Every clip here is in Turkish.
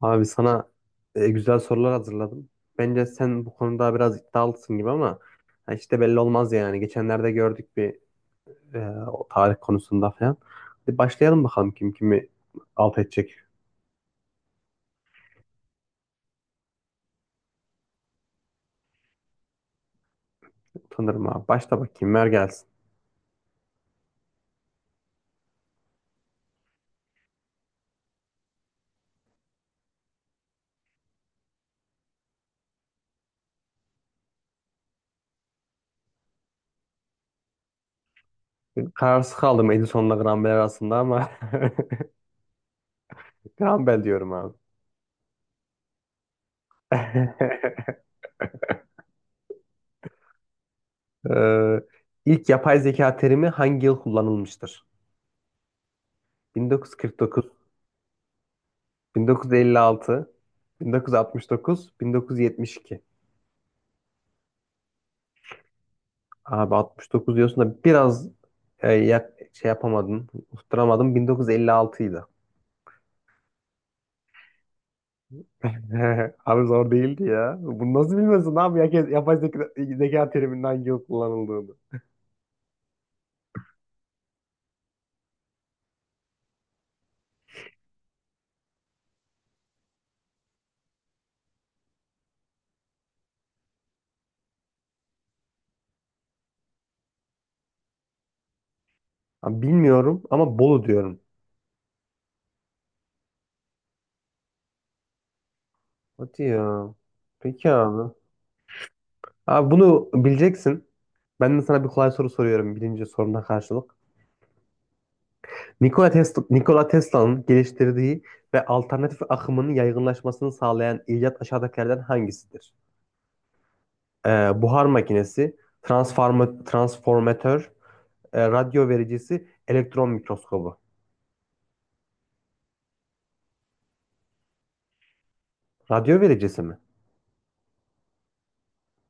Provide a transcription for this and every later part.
Abi sana güzel sorular hazırladım. Bence sen bu konuda biraz iddialısın gibi ama ha, işte belli olmaz yani. Geçenlerde gördük bir e, o tarih konusunda falan. Hadi başlayalım bakalım kim kimi alt edecek. Utanırım abi. Başla bakayım ver gelsin. Kararsız kaldım Edison'la Grambel arasında ama Grambel diyorum abi. Ee, ilk yapay zeka terimi hangi yıl kullanılmıştır? 1949, 1956, 1969, 1972. Abi 69 diyorsun da biraz şey yapamadım, tutturamadım. 1956'ydı. Abi zor değildi ya. Bunu nasıl bilmiyorsun abi? Herkes yapay zeka, zeka teriminin hangi yıl kullanıldığını. Abi bilmiyorum ama Bolu diyorum. Hadi ya. Peki abi. Abi bunu bileceksin. Ben de sana bir kolay soru soruyorum birinci soruna karşılık. Nikola Tesla'nın geliştirdiği ve alternatif akımının yaygınlaşmasını sağlayan icat aşağıdakilerden hangisidir? Buhar makinesi, transformatör, radyo vericisi, elektron mikroskobu. Radyo vericisi mi?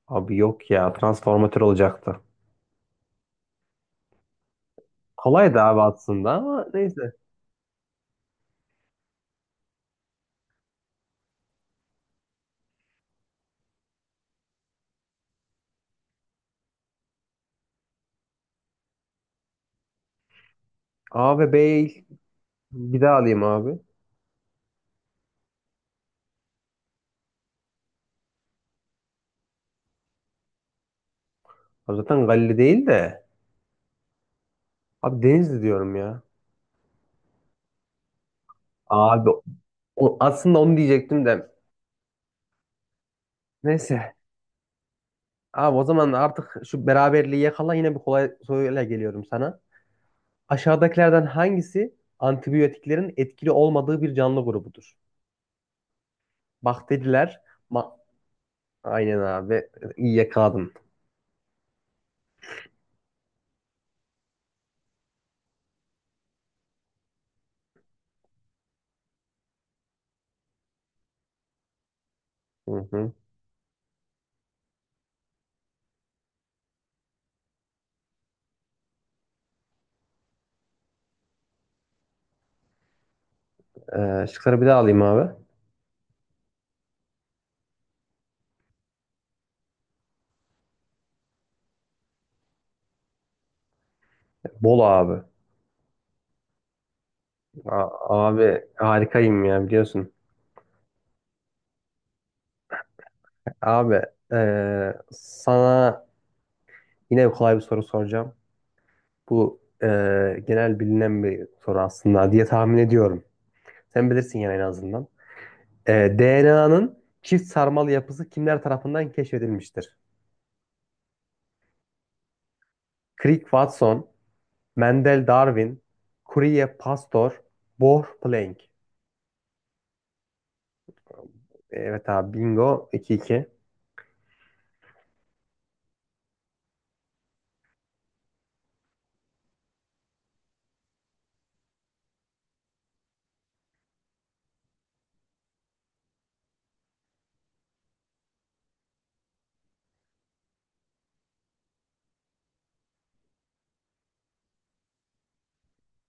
Abi yok ya, transformatör olacaktı. Kolay da abi aslında ama neyse. A ve B'yi bir daha alayım abi. Abi zaten Galileo değil de. Abi Denizli diyorum ya. Abi aslında onu diyecektim de. Neyse. Abi o zaman artık şu beraberliği yakala yine bir kolay soruyla geliyorum sana. Aşağıdakilerden hangisi antibiyotiklerin etkili olmadığı bir canlı grubudur? Bakteriler, ma- aynen abi. İyi yakaladın. Hı hı. Şıkları bir daha alayım abi. Bol abi. A- Abi harikayım ya biliyorsun. Abi sana yine kolay bir soru soracağım. Bu genel bilinen bir soru aslında diye tahmin ediyorum. Sen bilirsin yani en azından. DNA'nın çift sarmal yapısı kimler tarafından keşfedilmiştir? Crick Watson, Mendel Darwin, Courier Pasteur, Bohr Planck. Evet abi bingo 2-2.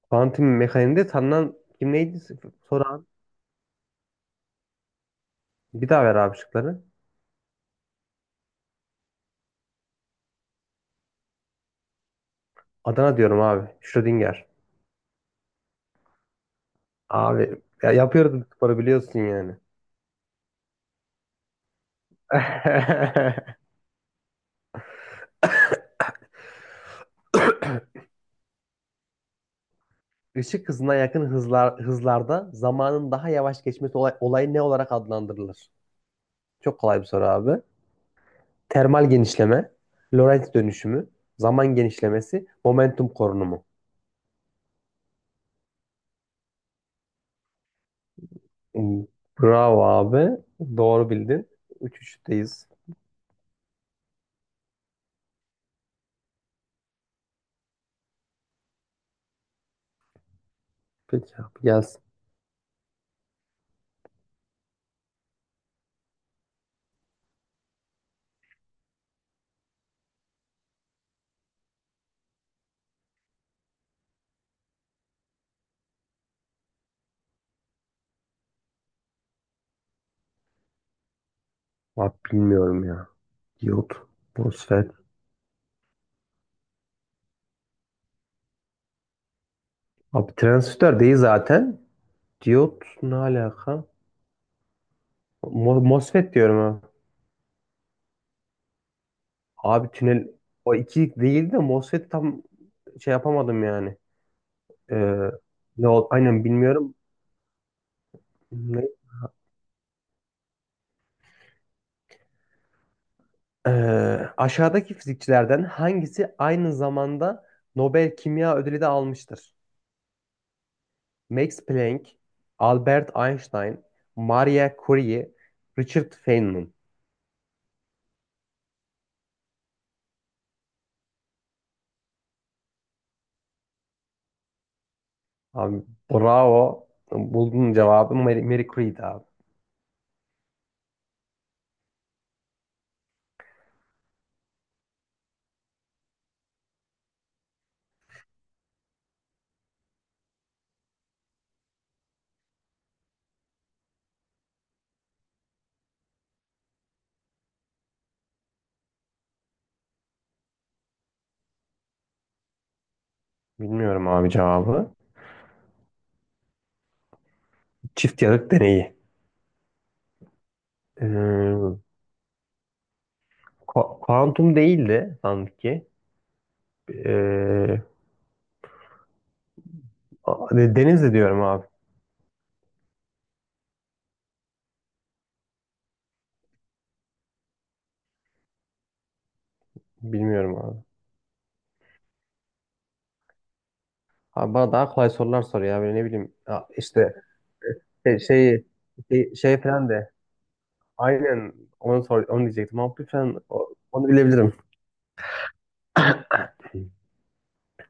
Kuantum mekaniğinde tanınan kim neydi? Soran. Bir daha ver abi şıkları. Adana diyorum abi. Schrödinger. Abi ya yapıyoruz bu sporu biliyorsun yani. Işık hızına yakın hızlarda zamanın daha yavaş geçmesi olayı ne olarak adlandırılır? Çok kolay bir soru abi. Termal genişleme, Lorentz dönüşümü, zaman genişlemesi, momentum korunumu. Hmm, bravo abi. Doğru bildin. 3-3'teyiz. Peki abi gelsin. Abi bilmiyorum ya. Diyot, MOSFET. Abi transistör değil zaten. Diyot ne alaka? MOSFET diyorum ha. Abi o iki değil de MOSFET tam şey yapamadım yani. Ee, Ne aynen bilmiyorum. Ne? Ee, Aşağıdaki fizikçilerden hangisi aynı zamanda Nobel Kimya Ödülü de almıştır? Max Planck, Albert Einstein, Maria Curie, Richard Feynman. Abi bravo. Buldun cevabı. Mary Creed abi. Bilmiyorum abi cevabı. Çift yarık deneyi. Ee, Kuantum değildi sanki. Ee, Denizli diyorum abi. Bilmiyorum abi. Abi bana daha kolay sorular sor ya. Böyle ne bileyim. Ya işte şey, şey, şey, şey falan de. Aynen onu sor, onu diyecektim. Ama lütfen onu bilebilirim.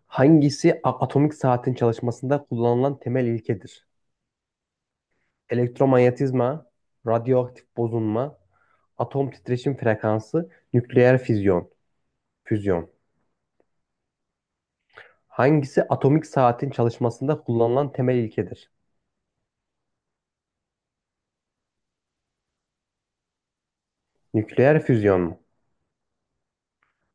Hangisi atomik saatin çalışmasında kullanılan temel ilkedir? Elektromanyetizma, radyoaktif bozulma, atom titreşim frekansı, nükleer füzyon. Füzyon. Hangisi atomik saatin çalışmasında kullanılan temel ilkedir? Nükleer füzyon mu?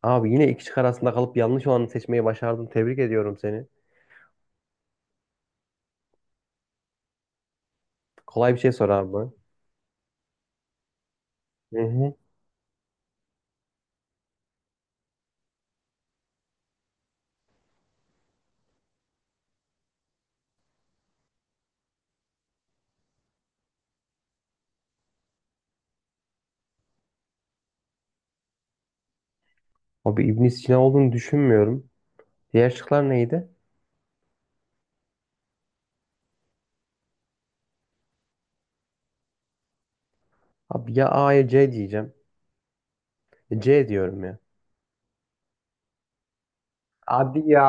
Abi yine iki şık arasında kalıp yanlış olanı seçmeyi başardın. Tebrik ediyorum seni. Kolay bir şey sor abi. Hı hı. Abi İbn Sina olduğunu düşünmüyorum. Diğer şıklar neydi? Abi ya A ya C diyeceğim. E, C diyorum ya. Abi ya.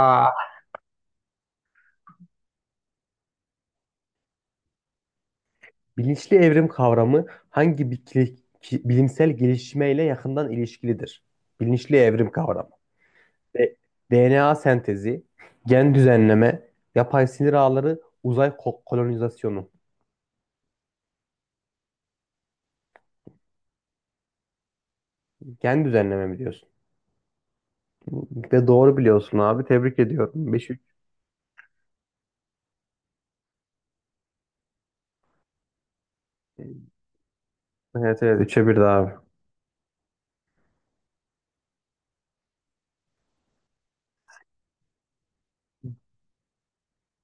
Bilinçli evrim kavramı hangi bilimsel gelişmeyle yakından ilişkilidir? Bilinçli evrim kavramı. De- DNA sentezi, gen düzenleme, yapay sinir ağları, uzay kolonizasyonu. Gen düzenleme mi diyorsun? Ve doğru biliyorsun abi. Tebrik ediyorum. Beş üç. e, Evet evet 3'e bir abi.